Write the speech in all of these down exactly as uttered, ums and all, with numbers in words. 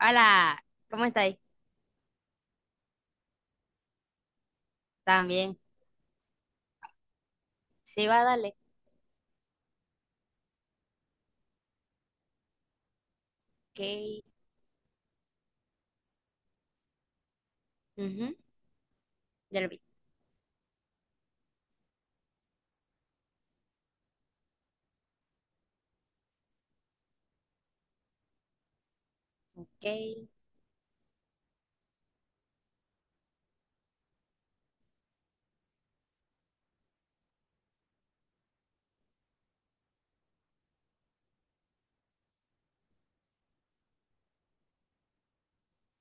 Hola, ¿cómo estáis? También. Sí, va, dale. Ok. Ujú, ya lo vi. Ok.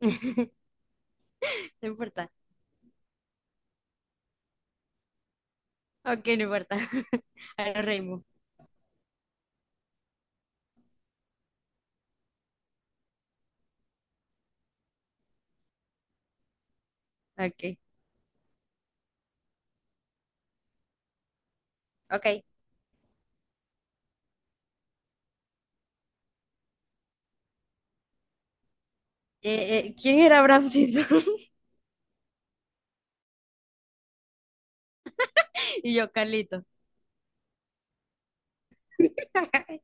No importa. Ok, no importa. Ahora reímos. Ok. Ok. Eh, eh, ¿quién era Bramcito? Y yo, Carlito.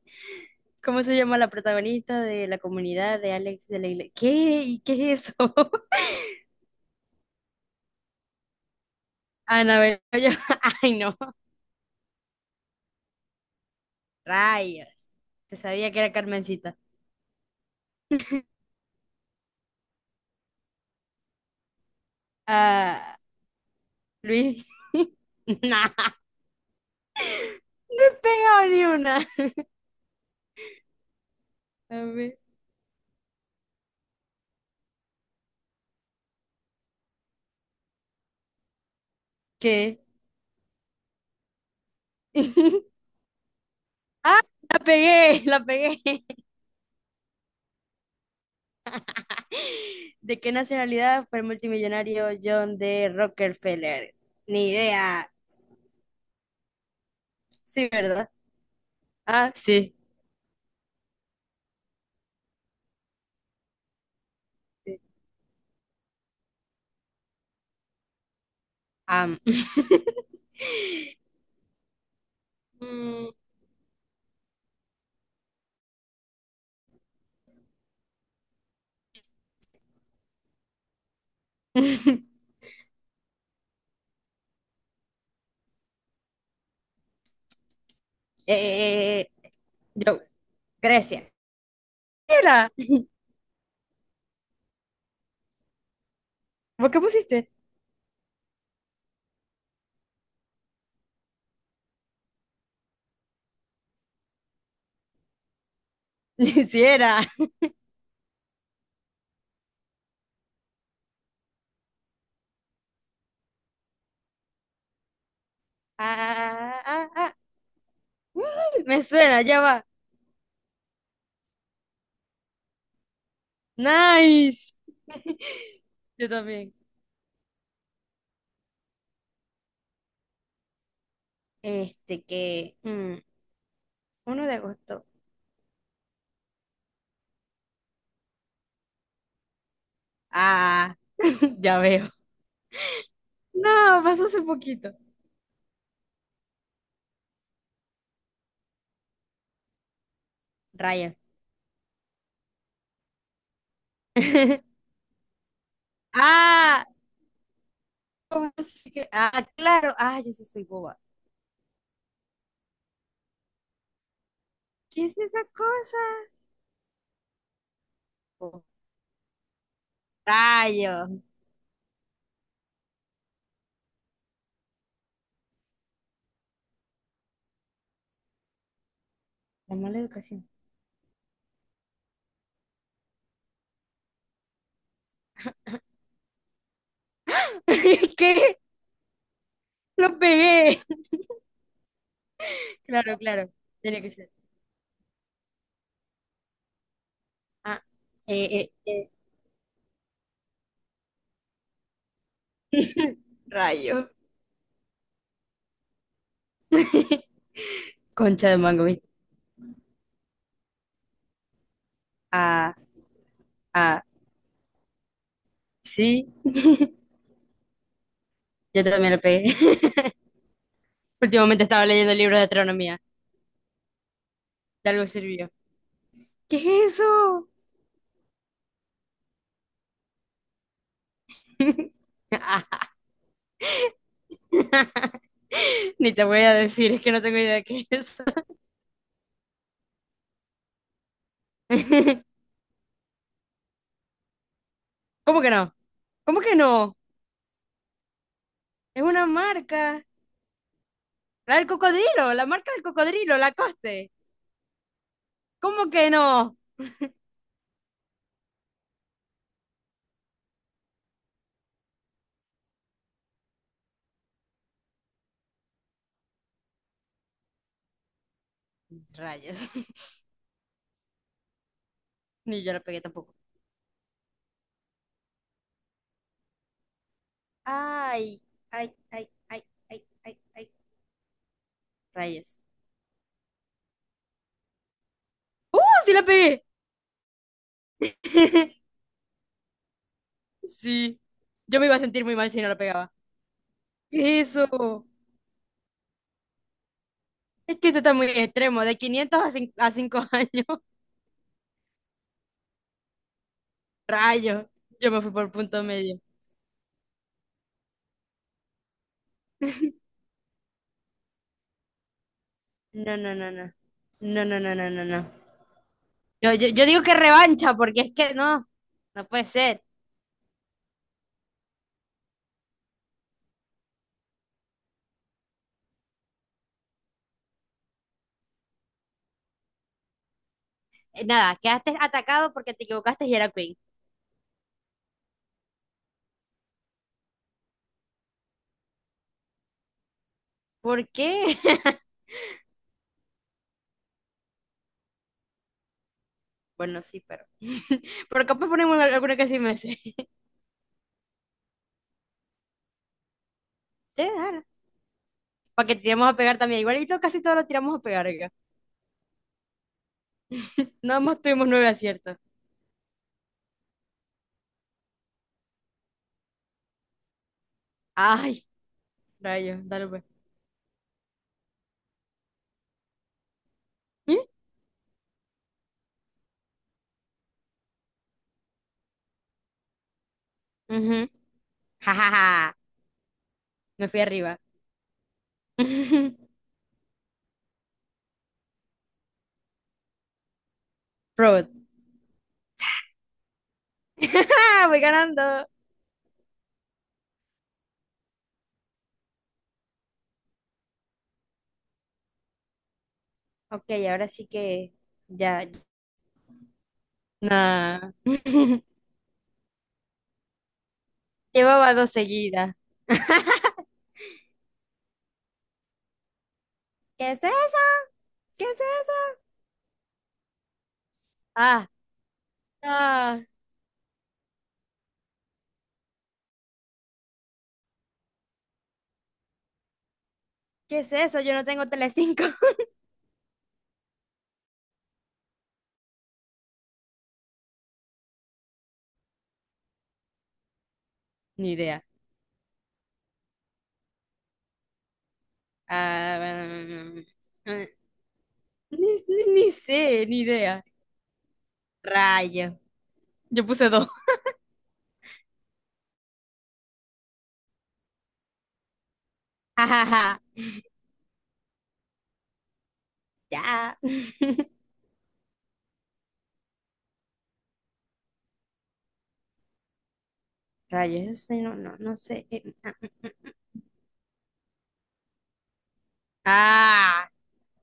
¿Cómo se llama la protagonista de la comunidad de Alex de la Iglesia? ¿Qué? ¿Y qué es eso? Anabel. Yo- Ay, no. Rayos. Te sabía que era Carmencita. Ah, Luis. Nah. No he pegado ni una. A ver, ¿qué? ¡Ah! La pegué, la pegué. ¿De qué nacionalidad fue el multimillonario John D. Rockefeller? Ni idea. Sí, ¿verdad? Ah, sí. Sí. Am. Mm. Eh, eh, eh. Yo, Grecia. Sí era. ¿Vos qué pusiste? Sí era. Ah, ah, ah, ah. Me suena, ya va. Nice. Yo también. Este que mm, uno de agosto de agosto. Ah, ya veo. No, pasó hace poquito. Raya. Ah, ¿cómo así que- ah, claro. Ah, yo sí soy boba. ¿Qué es esa cosa? Oh, rayo. La mala educación. ¿Qué? Lo pegué. Claro, claro. Tenía que ser. Ah, eh, eh, eh. Rayo. Concha de mango, ¿viste? Ah, ah, sí. Yo también lo pegué. Últimamente estaba leyendo libros de astronomía. De algo sirvió. ¿Qué es eso? Ni te voy a decir, es que no tengo idea de qué es. ¿Cómo que no? ¿Cómo que no? Es una marca. La del cocodrilo, la marca del cocodrilo, la coste. ¿Cómo que no? Rayos. Ni yo la pegué tampoco. Ay, ay, ay, ay, ay, ay, ay. Rayos. ¡Uh! ¡Sí la pegué! Sí. Yo me iba a sentir muy mal si no la pegaba. ¿Qué es eso? Es que esto está muy extremo, de quinientos a cinco a cinco años. Rayo, yo me fui por punto medio. No, no, no, no. No, no, no, no, no, no. Yo, yo, yo digo que revancha, porque es que no, no puede ser. Eh, Nada, quedaste atacado porque te equivocaste y era Queen. ¿Por qué? Bueno, sí, pero. Pero capaz ponemos al- alguna que sí me sé. Sí, dale. Para que tiremos a pegar también. Igualito casi todos lo tiramos a pegar acá. Nada más tuvimos nueve aciertos. Ay, rayo, dale pues. ¿Mm? Ujú. Ja, ja, ja. Me fui arriba. Road. Ah, voy ganando. Ok, ahora sí que ya. Nah. Llevaba dos seguidas. ¿Qué es eso? ¿Qué es eso? Ah, ah, ¿qué es eso? Yo no tengo Telecinco. Ni idea. Ah, mm, mm, ni, ni- ni sé, ni idea. Rayo. Yo puse dos. Jajaja. Ya. Rayo, eso sí, no, no, no sé. Eh, ah, Ah,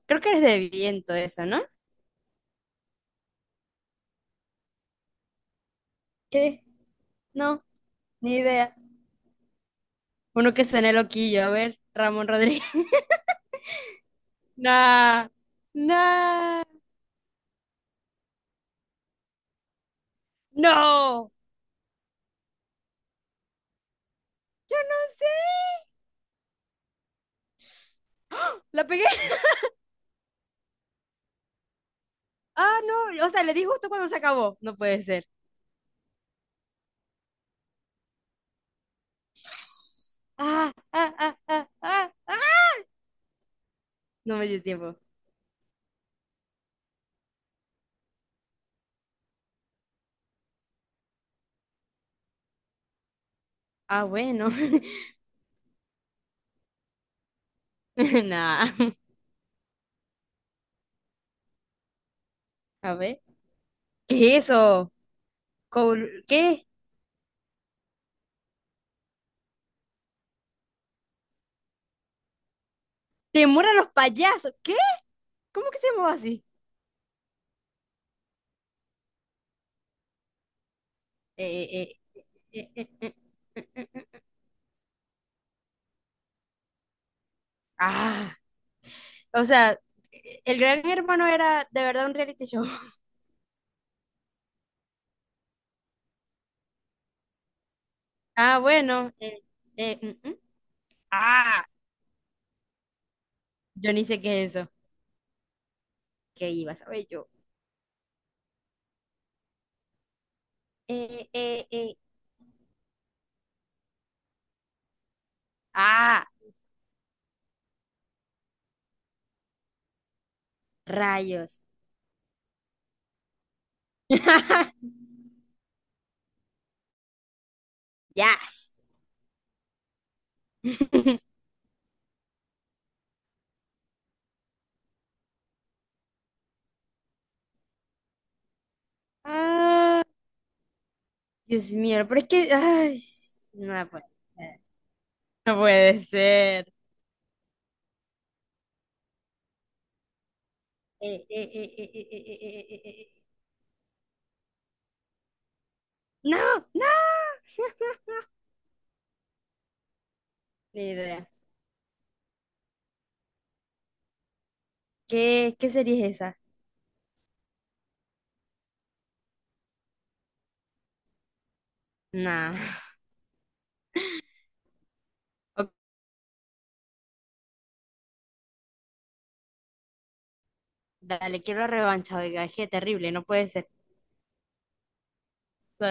creo que eres de viento eso, ¿no? ¿Qué? No, ni idea. Uno que suene loquillo, a ver, Ramón Rodríguez. Nah, nah, no, no sé, la pegué. Ah, no, o sea, le di justo cuando se acabó. No puede ser. Ah, ah, ah, ah, ah, ah. No me dio tiempo. Ah, bueno, nah, a ver, ¿qué es eso? Col- ¿qué? ¿Temor a los payasos? ¿Qué? ¿Cómo que se llamaba así? Eh, eh, eh, eh, eh, eh, eh, eh. eh, eh. Ah, o sea, el Gran Hermano era de verdad un reality show. Ah, bueno. eh, eh, mm, mm. Ah, yo ni sé qué es eso. ¿Qué iba a saber yo? Eh, eh, eh. Ah, rayos. Yes. Ah, Dios mío, pero es que... Ay, no puede ser. No puede ser. Eh, eh, eh, eh, eh, eh, eh, eh, eh, eh. eh. No, no. Ni idea. ¿Qué, qué serie es esa? Nah. Ok, dale, quiero revancha, oiga, es que terrible, no puede ser.